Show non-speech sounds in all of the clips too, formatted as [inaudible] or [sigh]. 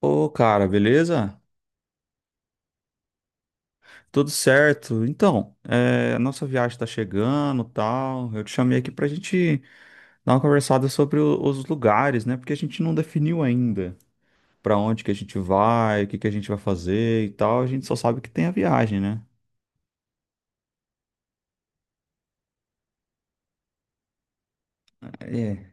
Ô, cara, beleza? Tudo certo. Então, a nossa viagem tá chegando, tal. Eu te chamei aqui pra gente dar uma conversada sobre os lugares, né? Porque a gente não definiu ainda pra onde que a gente vai, o que que a gente vai fazer e tal. A gente só sabe que tem a viagem, né? É.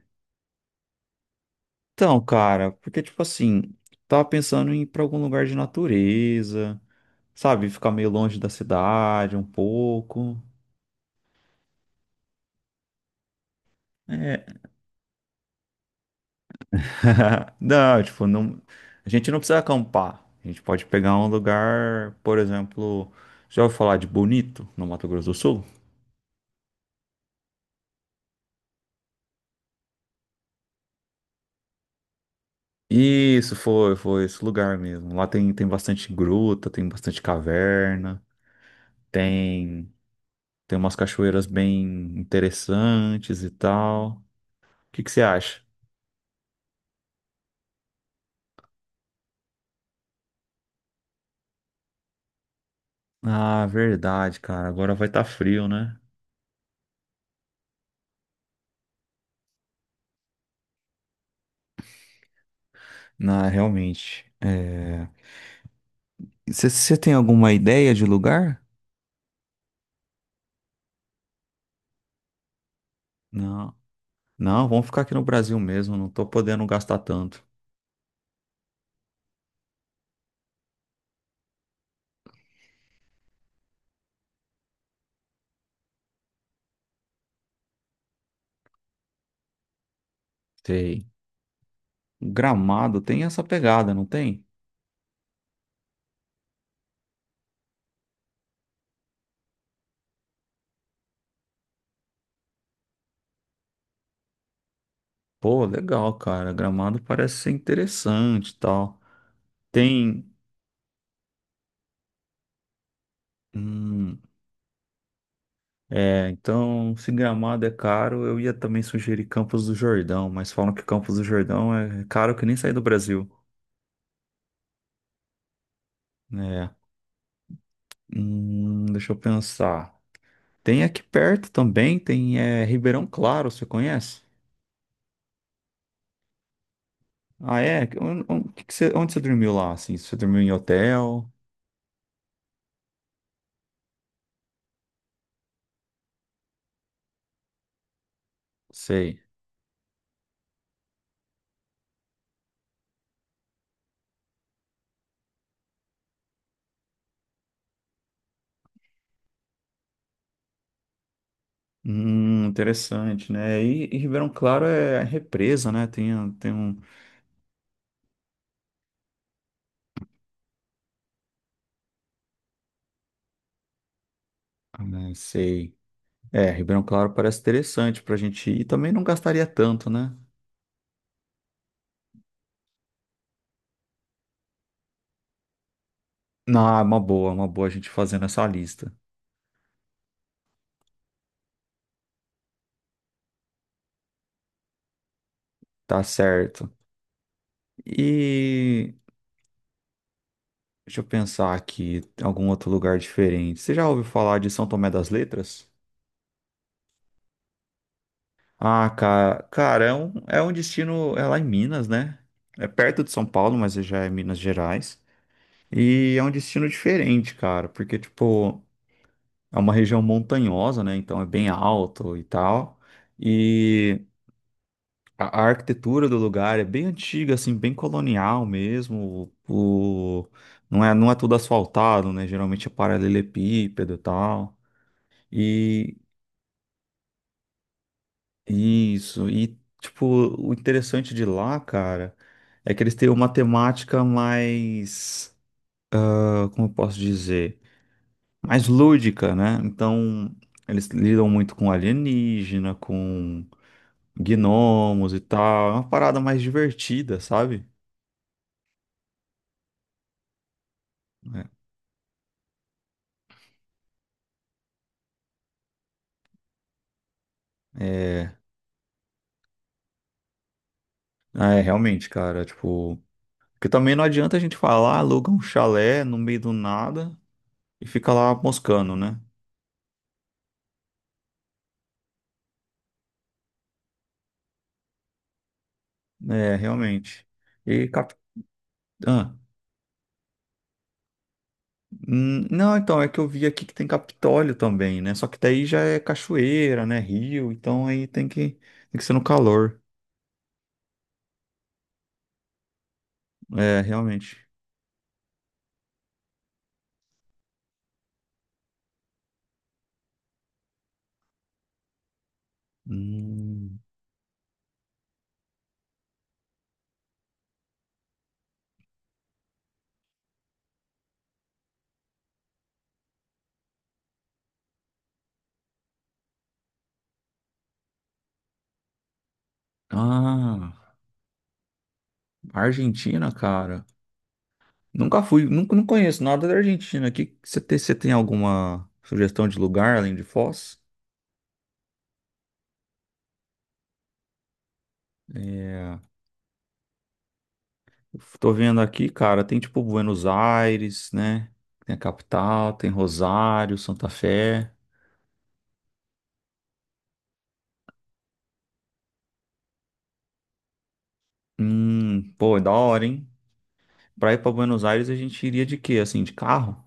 Então, cara, porque tipo assim, tava pensando em ir pra algum lugar de natureza, sabe? Ficar meio longe da cidade um pouco. É. [laughs] Não, tipo, não, a gente não precisa acampar. A gente pode pegar um lugar, por exemplo, já ouviu falar de Bonito, no Mato Grosso do Sul? Isso, foi esse lugar mesmo. Lá tem bastante gruta, tem bastante caverna, tem, tem umas cachoeiras bem interessantes e tal. O que que você acha? Ah, verdade, cara. Agora vai estar frio, né? Não, realmente. Você tem alguma ideia de lugar? Não. Não, vamos ficar aqui no Brasil mesmo, não tô podendo gastar tanto. Sei. Gramado tem essa pegada, não tem? Pô, legal, cara. Gramado parece ser interessante e tal. Tem. hum, então, se Gramado é caro, eu ia também sugerir Campos do Jordão, mas falam que Campos do Jordão é caro que nem sair do Brasil. É. Deixa eu pensar. Tem aqui perto também, Ribeirão Claro, você conhece? Ah, é? Onde onde você dormiu lá, assim? Você dormiu em hotel? Sei. Interessante, né? E Ribeirão Claro é represa, né? Tem um. Ah, né, sei. É, Ribeirão Claro parece interessante pra gente ir. E também não gastaria tanto, né? Não, é uma boa a gente fazendo essa lista. Tá certo. E... Deixa eu pensar aqui, algum outro lugar diferente. Você já ouviu falar de São Tomé das Letras? Ah, cara, cara, é um, destino, é lá em Minas, né? É perto de São Paulo, mas já é Minas Gerais. E é um destino diferente, cara, porque, tipo, é uma região montanhosa, né? Então é bem alto e tal. E a arquitetura do lugar é bem antiga, assim, bem colonial mesmo. O, não é tudo asfaltado, né? Geralmente é paralelepípedo e tal. Isso, e tipo, o interessante de lá, cara, é que eles têm uma temática mais, ah, como eu posso dizer, mais lúdica, né? Então, eles lidam muito com alienígena, com gnomos e tal, é uma parada mais divertida, sabe? É, ah, realmente, cara, tipo, porque também não adianta a gente falar, aluga um chalé no meio do nada e fica lá moscando, né? É, realmente. E cap... Não, então, é que eu vi aqui que tem Capitólio também, né? Só que daí já é cachoeira, né? Rio, então aí tem que ser no calor. É, realmente. Hum. Ah, Argentina, cara. Nunca fui, nunca, não conheço nada da Argentina. Aqui, você tem alguma sugestão de lugar além de Foz? É, tô vendo aqui, cara, tem tipo Buenos Aires, né? Tem a capital, tem Rosário, Santa Fé. Pô, é da hora, hein? Pra ir pra Buenos Aires, a gente iria de quê? Assim, de carro?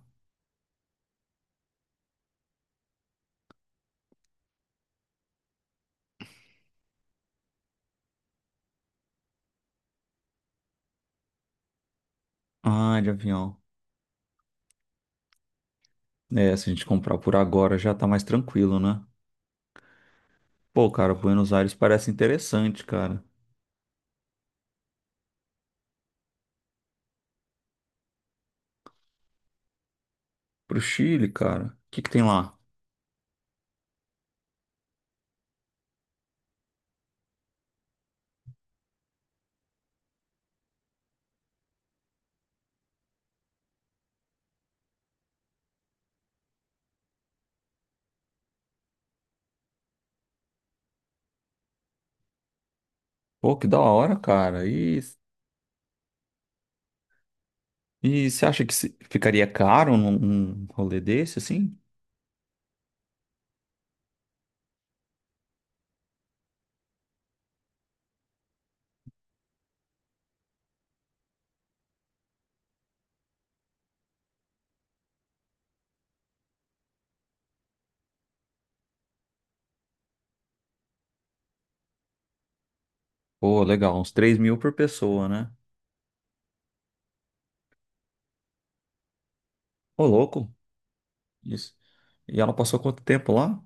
Ah, de avião. É, se a gente comprar por agora já tá mais tranquilo, né? Pô, cara, Buenos Aires parece interessante, cara. Pro Chile, cara. O que que tem lá? Pô, que da hora, cara. E você acha que ficaria caro num rolê desse, assim? Pô, legal, uns 3 mil por pessoa, né? Ô, louco. Isso. E ela passou quanto tempo lá?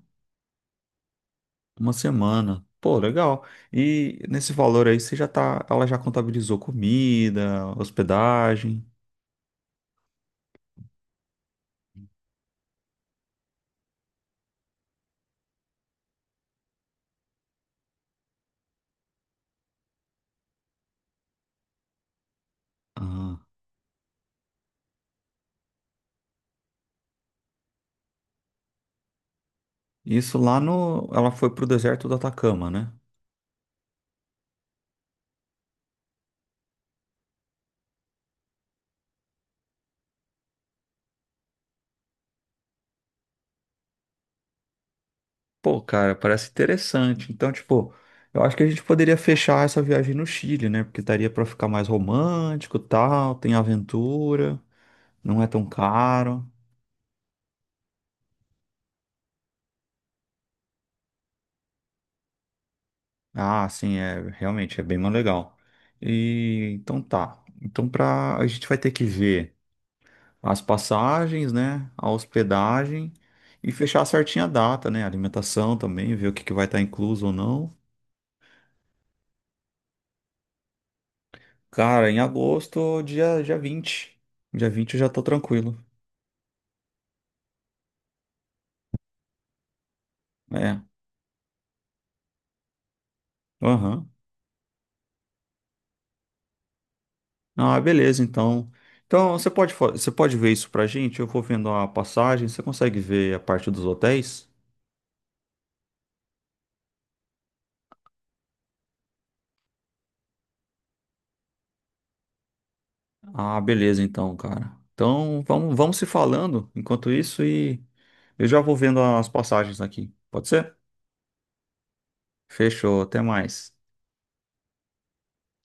Uma semana. Pô, legal. E nesse valor aí, ela já contabilizou comida, hospedagem. Ah, isso, lá no, ela foi pro deserto do Atacama, né? Pô, cara, parece interessante. Então, tipo, eu acho que a gente poderia fechar essa viagem no Chile, né? Porque daria pra ficar mais romântico, e tal, tem aventura, não é tão caro. Ah, sim, é, realmente é bem mais legal. E então tá. Então a gente vai ter que ver as passagens, né? A hospedagem e fechar certinha a data, né? Alimentação também, ver o que que vai estar incluso ou não. Cara, em agosto, dia 20. Dia 20 eu já tô tranquilo. É. Aham. Ah, beleza, então. Então, você pode ver isso pra gente? Eu vou vendo a passagem. Você consegue ver a parte dos hotéis? Ah, beleza, então, cara. Então, vamos se falando enquanto isso e eu já vou vendo as passagens aqui. Pode ser? Fechou, até mais.